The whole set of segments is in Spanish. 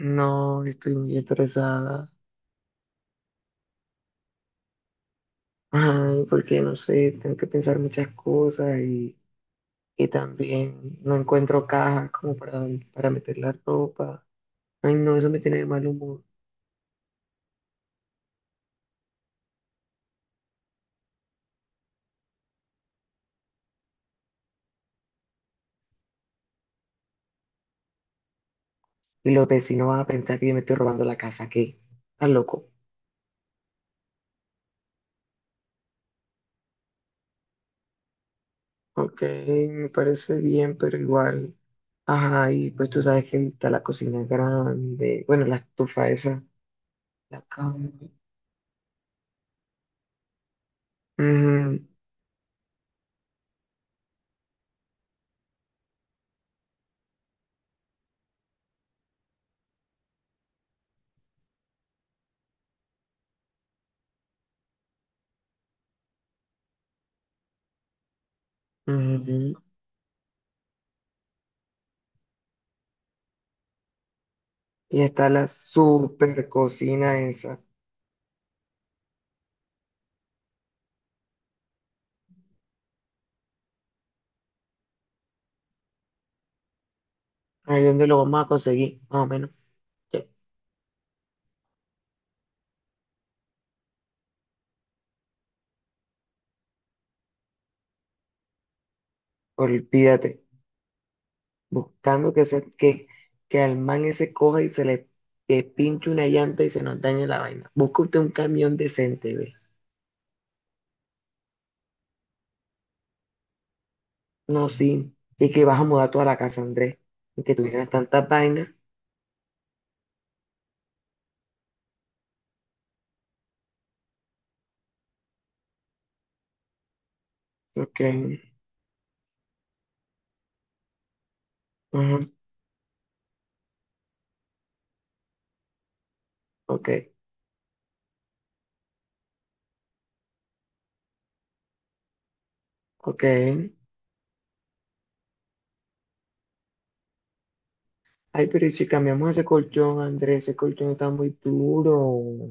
No, estoy muy estresada. Ay, porque no sé, tengo que pensar muchas cosas y también no encuentro cajas como para meter la ropa. Ay, no, eso me tiene de mal humor. Y los vecinos van a pensar que yo me estoy robando la casa, ¿qué? ¿Estás loco? Ok, me parece bien, pero igual. Ajá, y pues tú sabes que está la cocina grande, bueno, la estufa esa, la cama. Ujú, ujú. Y está la super cocina esa. Ahí donde lo vamos a conseguir, más o menos. Ya, olvídate, buscando que, se, que al man ese coja y se le que pinche una llanta y se nos dañe la vaina. Busca usted un camión decente, ve. No, sí. Y que vas a mudar toda la casa, Andrés. Y que tuvieras tantas vainas. Ok, ujú, ok, ok. Ay, pero ¿y si cambiamos ese colchón, Andrés? Ese colchón está muy duro.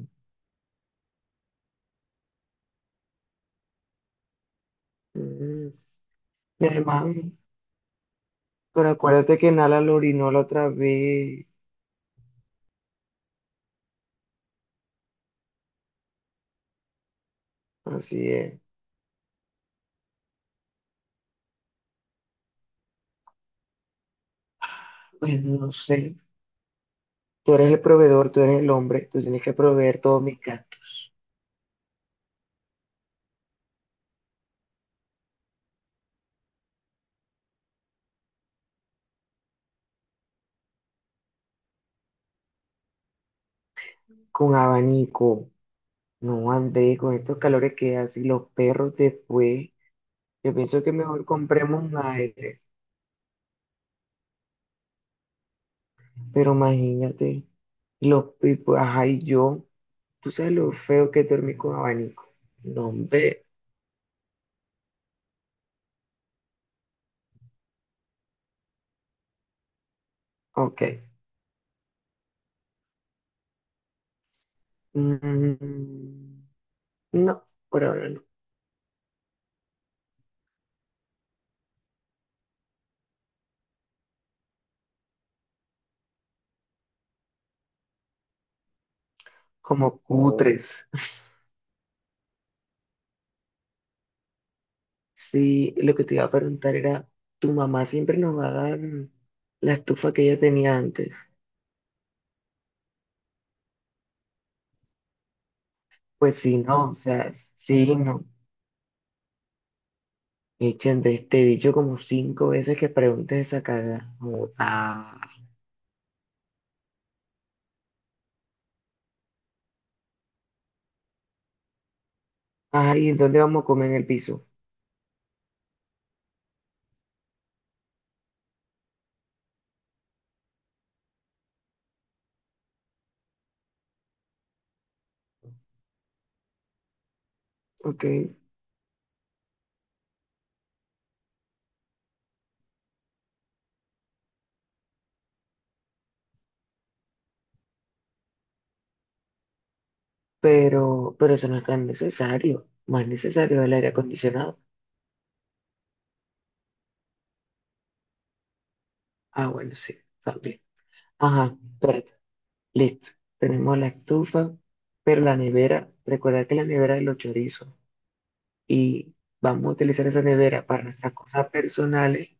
Mm, Mi hermano, pero acuérdate que Nala lo orinó la otra vez. Así es. Pues no sé, tú eres el proveedor, tú eres el hombre, tú tienes que proveer todo mi gato con abanico. No andé con estos calores que hace los perros después. Yo pienso que mejor compremos un aire, pero imagínate, los pipos, ajá, y yo, tú sabes lo feo que es dormir con abanico. No, hombre, ok. Mm, no, por ahora no. Como oh, cutres. Sí, lo que te iba a preguntar era, ¿tu mamá siempre nos va a dar la estufa que ella tenía antes? Pues sí, no, o sea, sí, no. Echen de este dicho como 5 veces que preguntes esa caga. Como, ah, ay, ¿dónde vamos a comer en el piso? Ok, pero eso no es tan necesario. Más necesario es el aire acondicionado. Ah, bueno, sí, también. Ajá, espérate, listo. Tenemos la estufa, pero la nevera, recuerda que la nevera es los chorizos. Y vamos a utilizar esa nevera para nuestras cosas personales,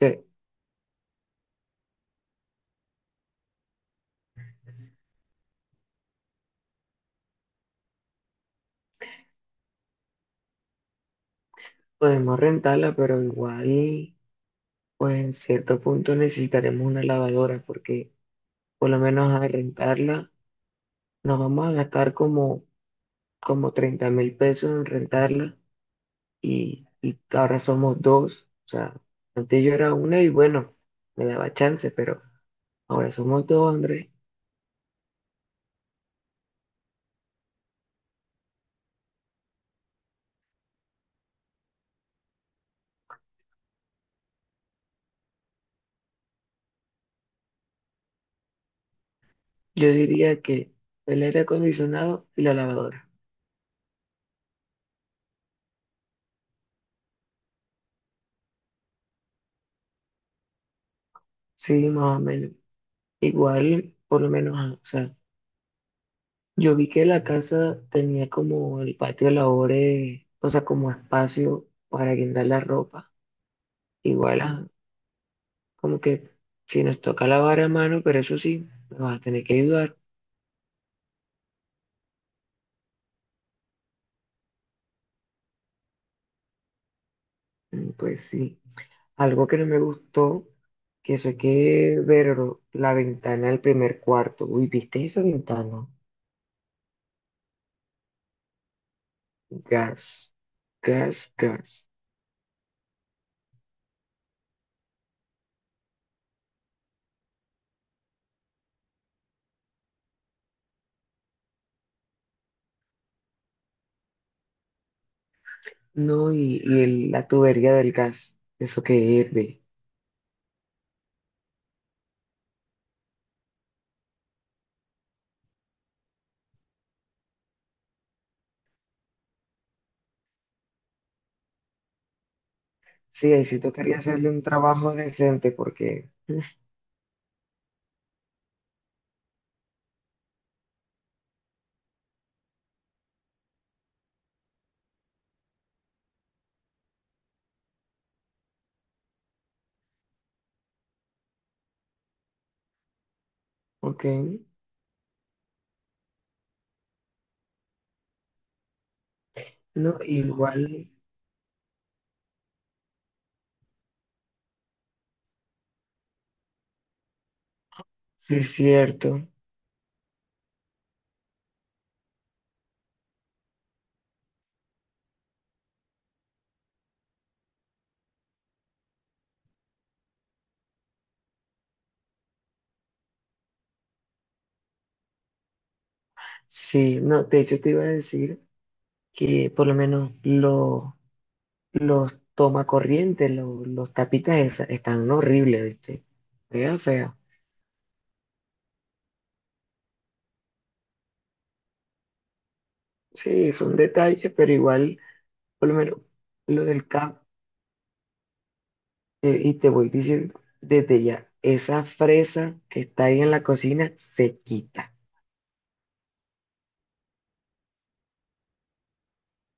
que podemos rentarla, pero igual, pues en cierto punto necesitaremos una lavadora, porque por lo menos a rentarla nos vamos a gastar como, como 30.000 pesos en rentarla y ahora somos dos, o sea, antes yo era una y bueno, me daba chance, pero ahora somos dos, Andrés. Yo diría que el aire acondicionado y la lavadora. Sí, más o menos. Igual, por lo menos, ah, o sea, yo vi que la casa tenía como el patio de labores, o sea, como espacio para guindar la ropa. Igual, ah, como que si nos toca lavar a mano, pero eso sí, me vas a tener que ayudar. Pues sí. Algo que no me gustó, que eso hay que ver la ventana del primer cuarto. Uy, ¿viste esa ventana? Gas, gas, gas. No, y el- la tubería del gas, eso que hierve. Sí, ahí sí tocaría hacerle un trabajo decente porque, ok, no, igual, sí es cierto. Sí, no, de hecho te iba a decir que por lo menos lo- los tomacorrientes, lo- los tapitas esas, están horribles, ¿viste? Fea, fea. Sí, son detalles, pero igual, por lo menos lo del cap, y te voy diciendo desde ya, esa fresa que está ahí en la cocina se quita.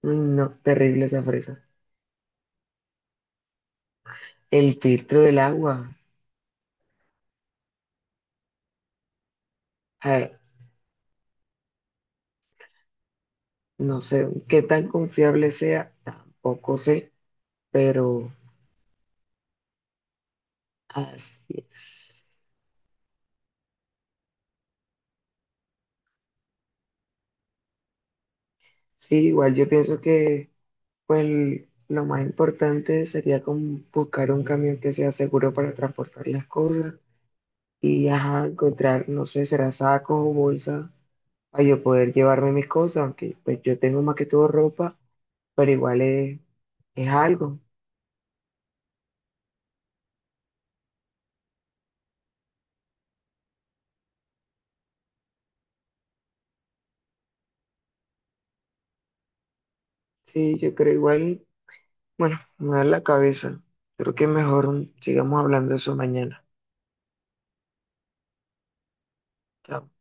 Uy, no, terrible esa fresa. El filtro del agua, a no sé qué tan confiable sea, tampoco sé, pero así es. Sí, igual yo pienso que pues lo más importante sería como buscar un camión que sea seguro para transportar las cosas y ajá, encontrar, no sé, será sacos o bolsas para yo poder llevarme mis cosas, aunque pues yo tengo más que todo ropa, pero igual es algo. Sí, yo creo igual. Bueno, me da la cabeza. Creo que mejor sigamos hablando de eso mañana. Chao.